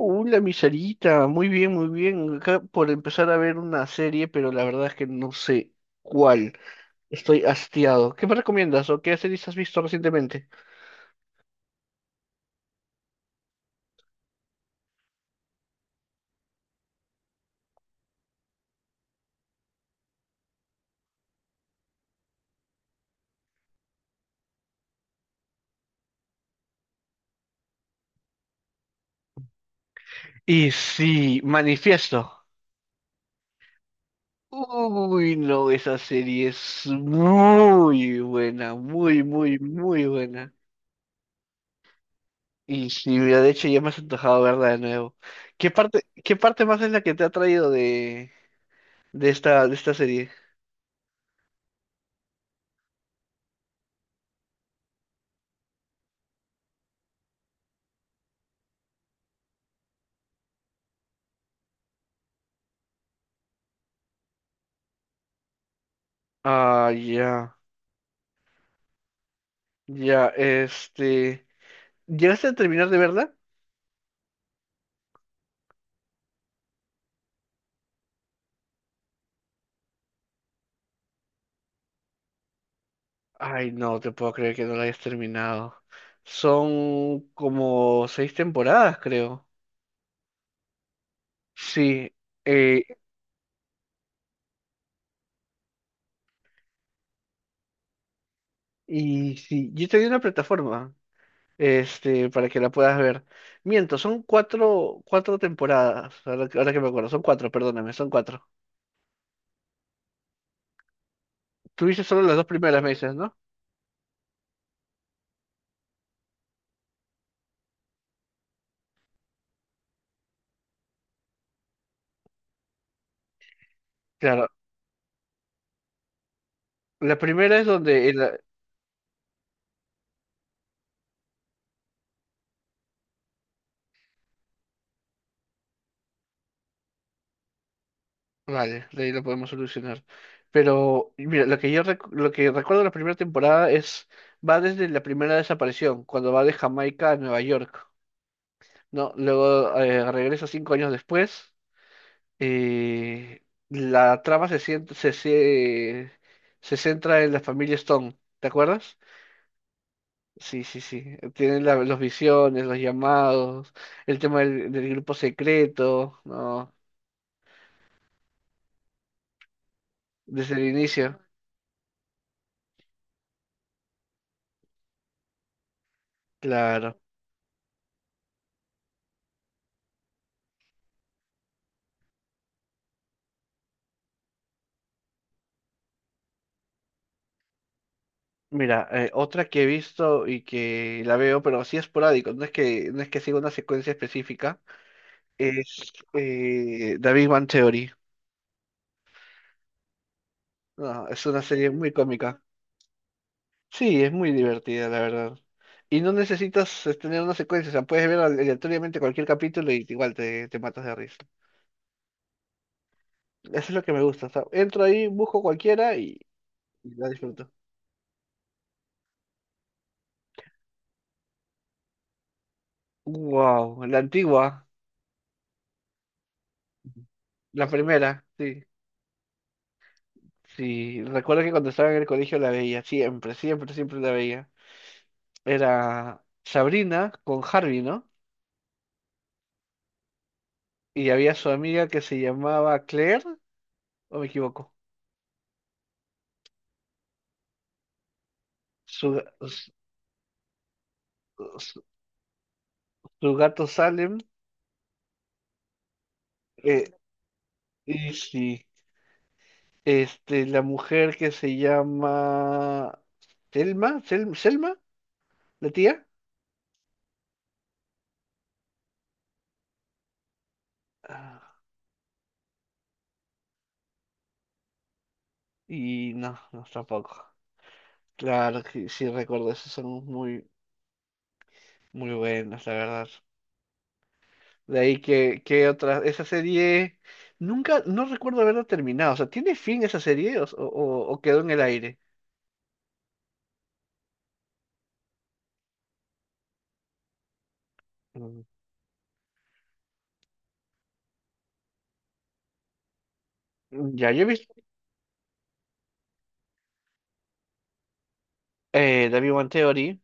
Hola, mi Sarita, muy bien, muy bien. Acá por empezar a ver una serie, pero la verdad es que no sé cuál. Estoy hastiado. ¿Qué me recomiendas o qué series has visto recientemente? Y sí, Manifiesto. Uy, no, esa serie es muy buena, muy, muy, muy buena. Y sí, mira, de hecho ya me has antojado verla de nuevo. Qué parte más es la que te ha traído de esta serie? Ah, ya, ya, este. ¿Llegaste a terminar de verla? Ay, no te puedo creer que no la hayas terminado. Son como seis temporadas, creo. Sí, eh, y sí, yo te di una plataforma, este, para que la puedas ver. Miento, son cuatro, cuatro temporadas, ahora que me acuerdo, son cuatro, perdóname, son cuatro. Tuviste solo las dos primeras meses, ¿no? Claro, la primera es donde el, vale, de ahí lo podemos solucionar. Pero y mira, lo que yo lo que recuerdo de la primera temporada es va desde la primera desaparición, cuando va de Jamaica a Nueva York, ¿no? Luego regresa cinco años después. La trama se, sient- se, se se centra en la familia Stone, ¿te acuerdas? Sí, sí, sí. Tienen los visiones, los llamados, el tema del grupo secreto, ¿no? Desde el inicio. Claro. Mira, otra que he visto y que la veo, pero así esporádico, no es que, no es que siga una secuencia específica, es David Bang Theory. No, es una serie muy cómica. Sí, es muy divertida, la verdad. Y no necesitas tener una secuencia, o sea, puedes ver aleatoriamente cualquier capítulo y igual te, te matas de risa. Eso es lo que me gusta, o sea, entro ahí, busco cualquiera y la disfruto. Wow, la antigua, la primera, sí. Sí, recuerdo que cuando estaba en el colegio la veía, siempre, siempre, siempre la veía. Era Sabrina con Harvey, ¿no? Y había su amiga que se llamaba Claire, o me equivoco, su, ga- su- su gato Salem, eh, y sí, este, la mujer que se llama Selma, la tía. Ah, y no, no, tampoco. Claro que sí recuerdo, esos son muy, muy buenos, la verdad. De ahí que otra, esa serie, nunca, no recuerdo haberla terminado. O sea, ¿tiene fin esa serie o quedó en el aire? Mm. Ya, yo he visto The Big Bang Theory,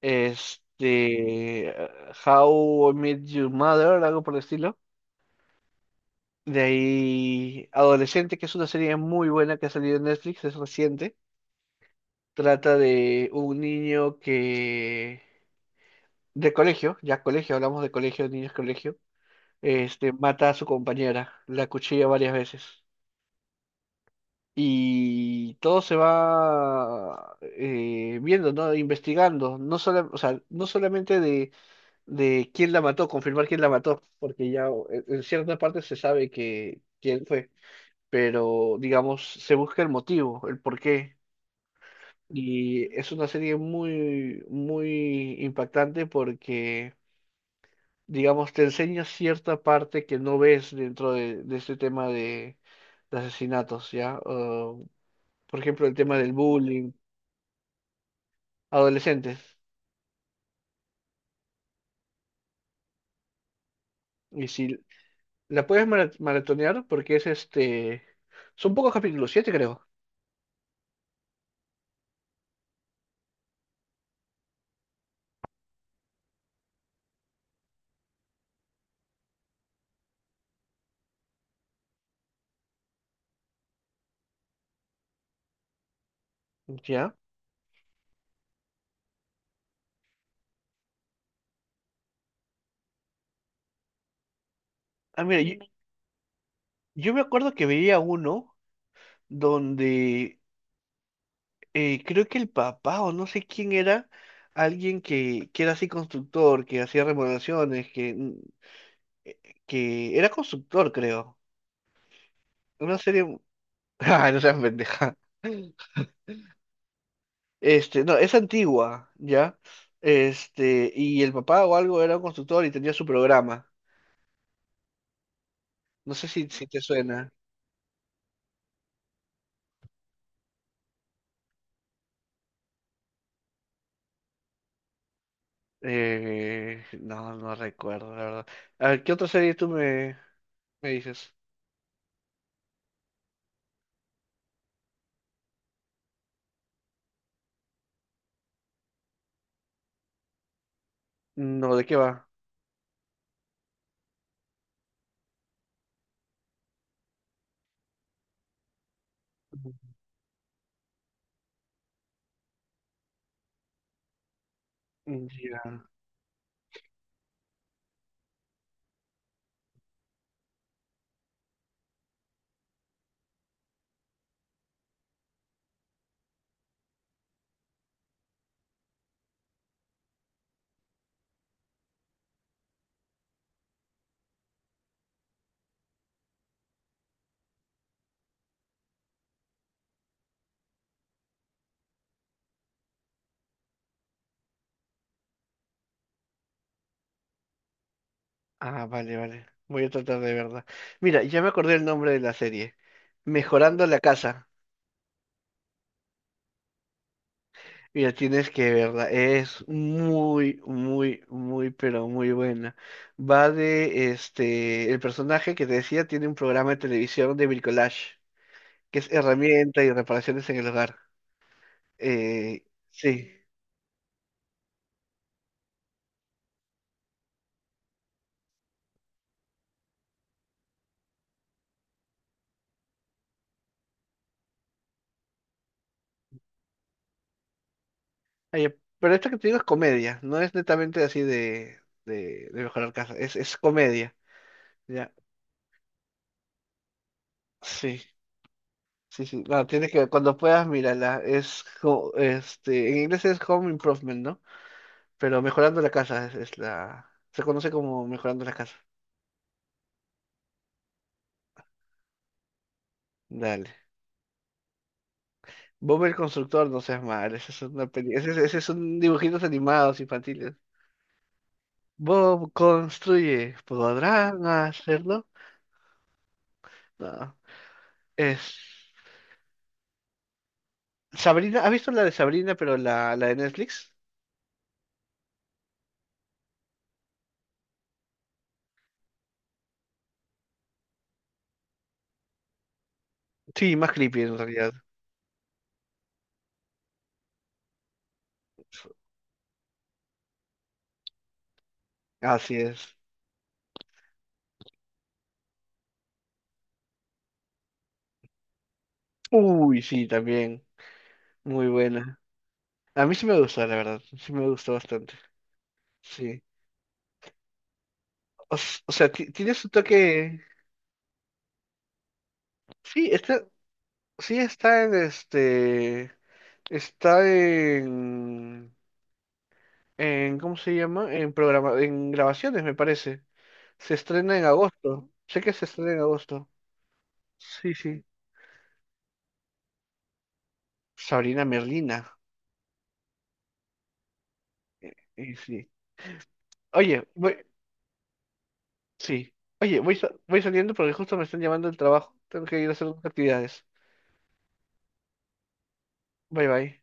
este, ah, How I Met Your Mother, algo por el estilo. De ahí, Adolescente, que es una serie muy buena que ha salido en Netflix, es reciente. Trata de un niño que, de colegio, ya colegio, hablamos de colegio, niños colegio este, mata a su compañera, la cuchilla varias veces. Y todo se va viendo, ¿no? Investigando, o sea, no solamente de quién la mató, confirmar quién la mató, porque ya en cierta parte se sabe que quién fue, pero digamos, se busca el motivo, el por qué. Y es una serie muy, muy impactante porque digamos, te enseña cierta parte que no ves dentro de este tema de asesinatos, ¿ya? O, por ejemplo, el tema del bullying, adolescentes. Y si la puedes maratonear, porque es este, son pocos capítulos, siete creo, ¿ya? Ah, mira, yo me acuerdo que veía uno donde creo que el papá o no sé quién era, alguien que era así constructor, que hacía remodelaciones, que, mm, eh, que era constructor, creo. Una serie. Ah, no seas pendeja. Este, no, es antigua, ¿ya? Este, y el papá o algo era un constructor y tenía su programa. No sé si, si te suena. No, no recuerdo, la verdad. A ver, ¿qué otra serie tú me, me dices? No, ¿de qué va? Mm, ya. Ah, vale, vale. Voy a tratar de verla. Mira, ya me acordé el nombre de la serie. Mejorando la casa. Mira, tienes que verla, es muy, muy, muy, pero muy buena. Va de, este, el personaje que te decía tiene un programa de televisión de bricolage, que es herramienta y reparaciones en el hogar. Eh, sí. Ay, pero esta que te digo es comedia, no es netamente así de mejorar casa, es comedia, ¿ya? Sí, sí, sí. No, tienes que, cuando puedas, mírala, es, este, en inglés es Home Improvement, ¿no? Pero mejorando la casa es la... Se conoce como mejorando la casa. Dale. Bob el constructor, no seas mal. Ese es una peli... ese, ese son dibujitos animados infantiles. Bob construye. ¿Podrán hacerlo? No. Es... Sabrina, ¿has visto la de Sabrina, pero la de Netflix? Sí, más creepy en realidad. Así es. Uy, sí, también. Muy buena. A mí sí me gustó, la verdad. Sí me gustó bastante. Sí. O, o sea, tiene su toque. Sí, está. Sí está en este, está en, ¿cómo se llama? En programa, en grabaciones, me parece. Se estrena en agosto. Sé que se estrena en agosto. Sí, sí. Sabrina Merlina. Y sí. Oye, voy, sí. Oye, voy, voy saliendo porque justo me están llamando del trabajo. Tengo que ir a hacer unas actividades. Bye bye.